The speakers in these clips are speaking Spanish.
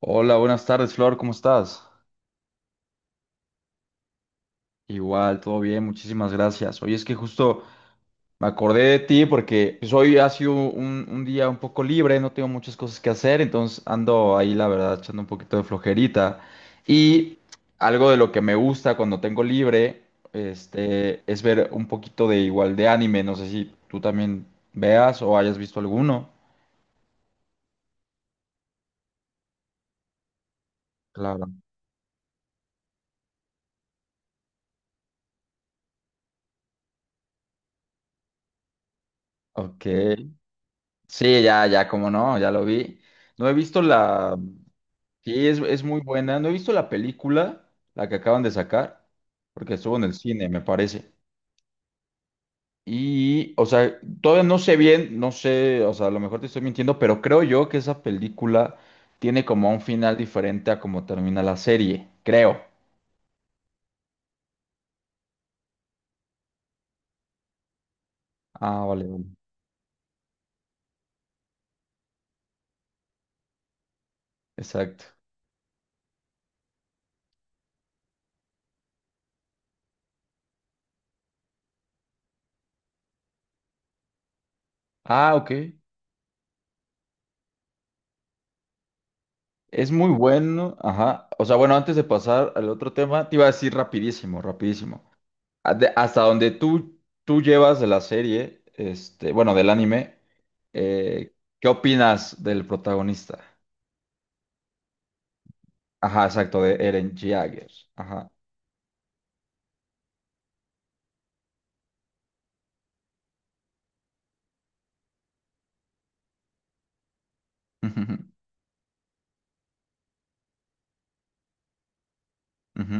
Hola, buenas tardes, Flor, ¿cómo estás? Igual, todo bien, muchísimas gracias. Oye, es que justo me acordé de ti porque pues, hoy ha sido un día un poco libre, no tengo muchas cosas que hacer, entonces ando ahí, la verdad, echando un poquito de flojerita. Y algo de lo que me gusta cuando tengo libre, es ver un poquito de igual de anime, no sé si tú también veas o hayas visto alguno. Claro. Ok. Sí, ya, ya, como no, ya lo vi. No he visto la. Sí, es muy buena. No he visto la película, la que acaban de sacar, porque estuvo en el cine, me parece. Y, o sea, todavía no sé bien, no sé, o sea, a lo mejor te estoy mintiendo, pero creo yo que esa película tiene como un final diferente a como termina la serie, creo. Ah, vale, vale. Exacto. Ah, ok. Es muy bueno. Ajá. O sea, bueno, antes de pasar al otro tema, te iba a decir rapidísimo, rapidísimo. Hasta donde tú llevas de la serie, bueno, del anime, eh, ¿qué opinas del protagonista? Ajá, exacto, de Eren Jaeger. Ajá. Ujú.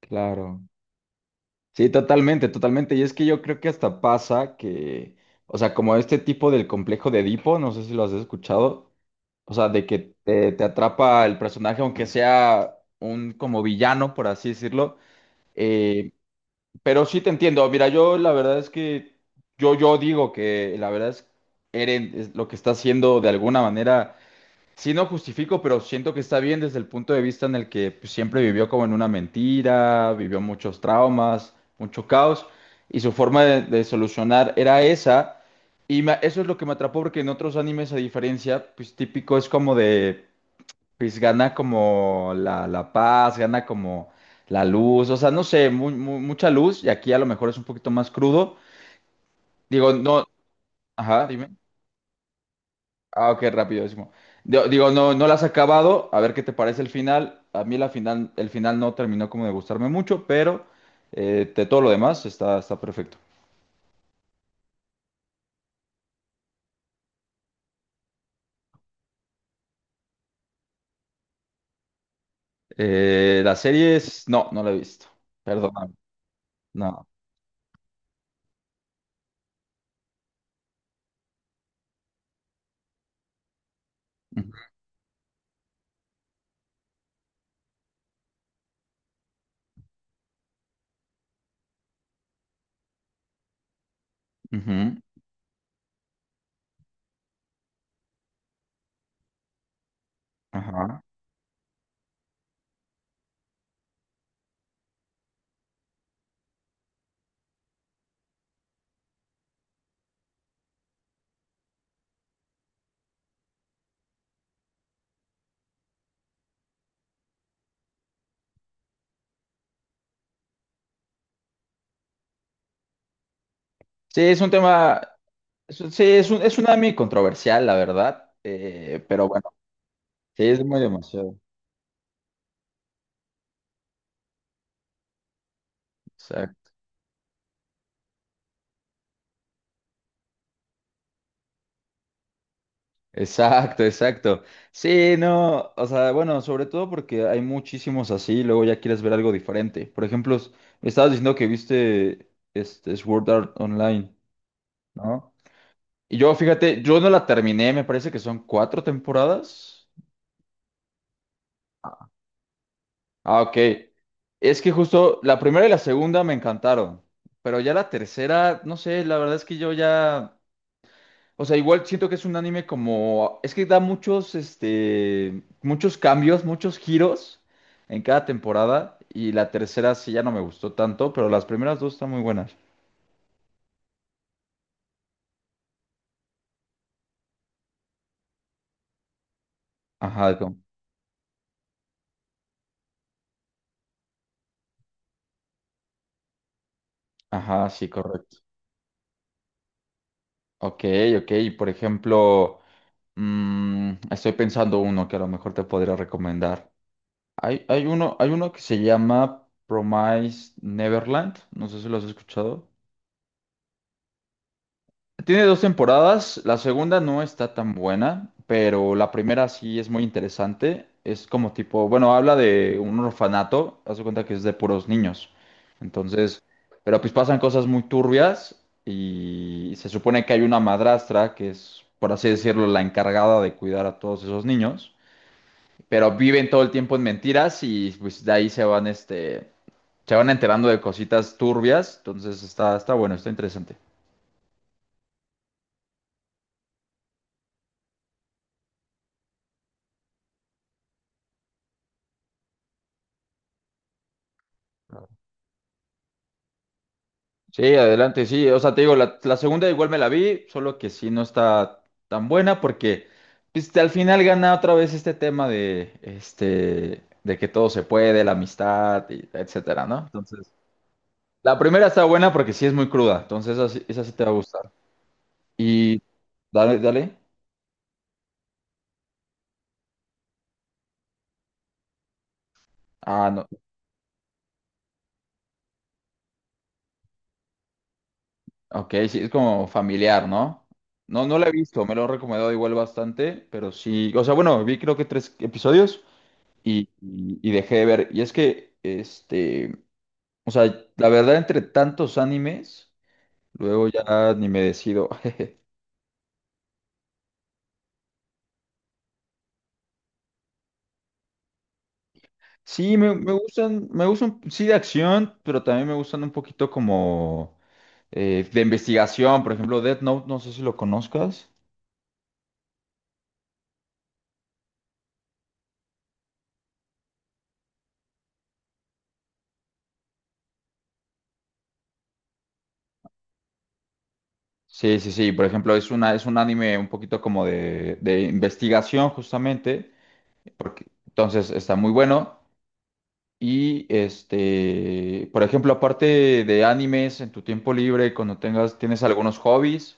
Claro. Sí, totalmente, totalmente. Y es que yo creo que hasta pasa que, o sea, como este tipo del complejo de Edipo, no sé si lo has escuchado, o sea, de que te atrapa el personaje, aunque sea un como villano, por así decirlo. eh, Pero sí te entiendo. Mira, yo la verdad es que yo digo que la verdad es Eren es lo que está haciendo de alguna manera. Sí no justifico, pero siento que está bien desde el punto de vista en el que pues, siempre vivió como en una mentira, vivió muchos traumas, mucho caos, y su forma de solucionar era esa. Eso es lo que me atrapó porque en otros animes, a diferencia, pues típico es como de pues gana como la paz, gana como la luz, o sea, no sé, mucha luz y aquí a lo mejor es un poquito más crudo. Digo, no, ajá, dime. Ah, ok, rapidísimo. Digo, no, no la has acabado, a ver qué te parece el final. A mí la final, el final no terminó como de gustarme mucho, pero de todo lo demás está, está perfecto. La serie es, no, no la he visto, perdóname, no. Ujú, ujú, Ajá. Sí, es un tema. Sí, es es un anime controversial, la verdad, pero bueno, sí, es muy demasiado. Exacto, exacto, exacto. Sí, no, o sea, bueno, sobre todo porque hay muchísimos así, y luego ya quieres ver algo diferente. Por ejemplo, me estabas diciendo que viste este Sword Art Online, ¿no? Y yo, fíjate, yo no la terminé, me parece que son cuatro temporadas. Ah, ok. Es que justo la primera y la segunda me encantaron, pero ya la tercera, no sé, la verdad es que yo ya... O sea, igual siento que es un anime como... Es que da muchos, muchos cambios, muchos giros en cada temporada. Y la tercera sí ya no me gustó tanto, pero las primeras dos están muy buenas. Ajá, con ajá, sí, correcto. Ok, ok. Y por ejemplo, mm, estoy pensando uno que a lo mejor te podría recomendar. Hay uno que se llama Promise Neverland. No sé si lo has escuchado. Tiene dos temporadas, la segunda no está tan buena, pero la primera sí es muy interesante. Es como tipo, bueno, habla de un orfanato, haz de cuenta que es de puros niños. Entonces, pero pues pasan cosas muy turbias y se supone que hay una madrastra que es, por así decirlo, la encargada de cuidar a todos esos niños, pero viven todo el tiempo en mentiras y pues de ahí se van, se van enterando de cositas turbias. Entonces está, está bueno, está interesante. Sí, adelante, sí. O sea, te digo, la segunda igual me la vi, solo que sí no está tan buena porque pues, al final gana otra vez este tema de, de que todo se puede, la amistad, y etcétera, ¿no? Entonces, la primera está buena porque sí es muy cruda, entonces esa, esa sí te va a gustar. Y dale, dale. Ah, no. Ok, sí, es como familiar, ¿no? No, no la he visto, me lo han recomendado igual bastante, pero sí. O sea, bueno, vi creo que tres episodios. Y dejé de ver. Y es que, o sea, la verdad, entre tantos animes, luego ya ni me decido. Sí, me gustan, sí, de acción, pero también me gustan un poquito como de investigación. Por ejemplo, Death Note, no sé si lo conozcas. Sí, sí, sí. Por ejemplo, es un anime un poquito como de investigación, justamente. Porque, entonces está muy bueno. Y este, por ejemplo, aparte de animes, en tu tiempo libre, cuando tengas, tienes algunos hobbies.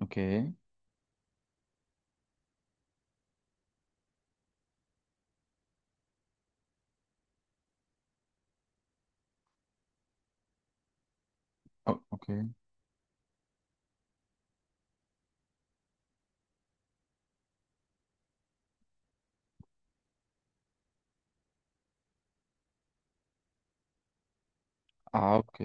Ok, ok. Ah, ok.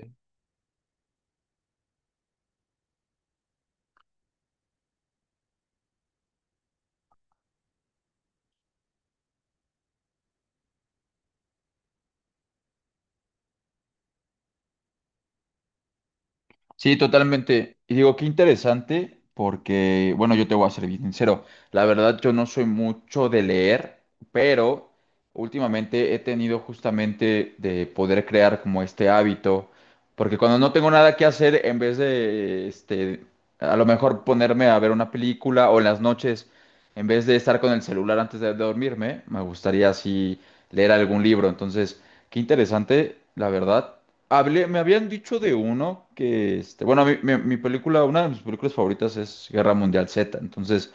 Sí, totalmente. Y digo, qué interesante, porque, bueno, yo te voy a ser bien sincero. La verdad, yo no soy mucho de leer, pero últimamente he tenido justamente de poder crear como este hábito, porque cuando no tengo nada que hacer, en vez de, a lo mejor ponerme a ver una película o en las noches, en vez de estar con el celular antes de dormirme, me gustaría así leer algún libro. Entonces, qué interesante, la verdad. Hablé, me habían dicho de uno que, este, bueno, mi película, una de mis películas favoritas es Guerra Mundial Z, entonces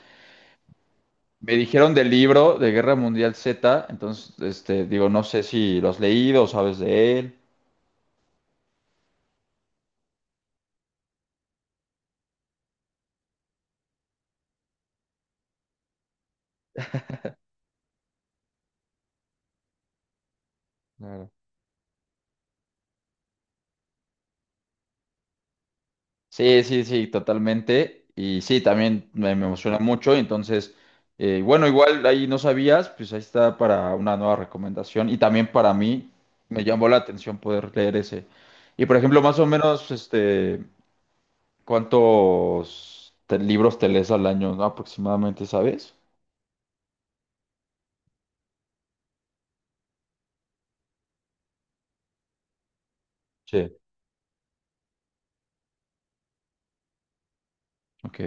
me dijeron del libro de Guerra Mundial Z, entonces, digo, no sé si lo has leído o sabes de él. Claro. Sí, sí, sí, totalmente. Y sí, también me emociona mucho. Entonces, bueno, igual ahí no sabías, pues ahí está para una nueva recomendación. Y también para mí me llamó la atención poder leer ese. Y por ejemplo, más o menos, este, ¿cuántos libros te lees al año, no? ¿Aproximadamente, sabes? Sí. Ok,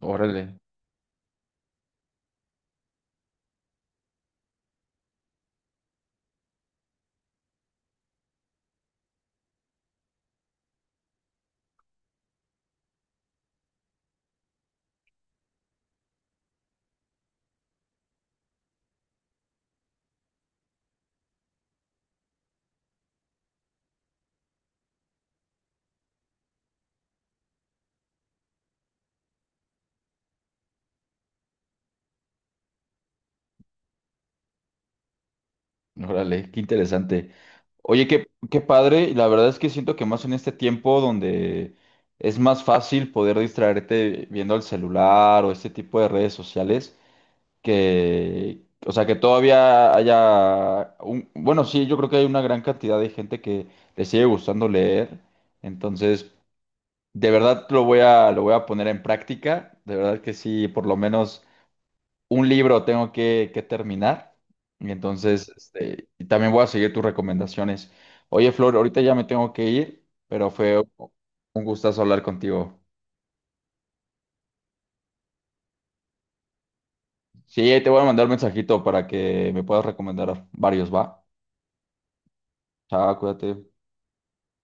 órale, órale, qué interesante. Oye, qué, qué padre, y la verdad es que siento que más en este tiempo donde es más fácil poder distraerte viendo el celular o este tipo de redes sociales, que, o sea, que todavía haya, un, bueno, sí, yo creo que hay una gran cantidad de gente que le sigue gustando leer, entonces... De verdad lo voy a poner en práctica. De verdad que sí, por lo menos un libro tengo que terminar. Y entonces, y también voy a seguir tus recomendaciones. Oye, Flor, ahorita ya me tengo que ir, pero fue un gustazo hablar contigo. Sí, te voy a mandar un mensajito para que me puedas recomendar varios, ¿va? Chao, cuídate.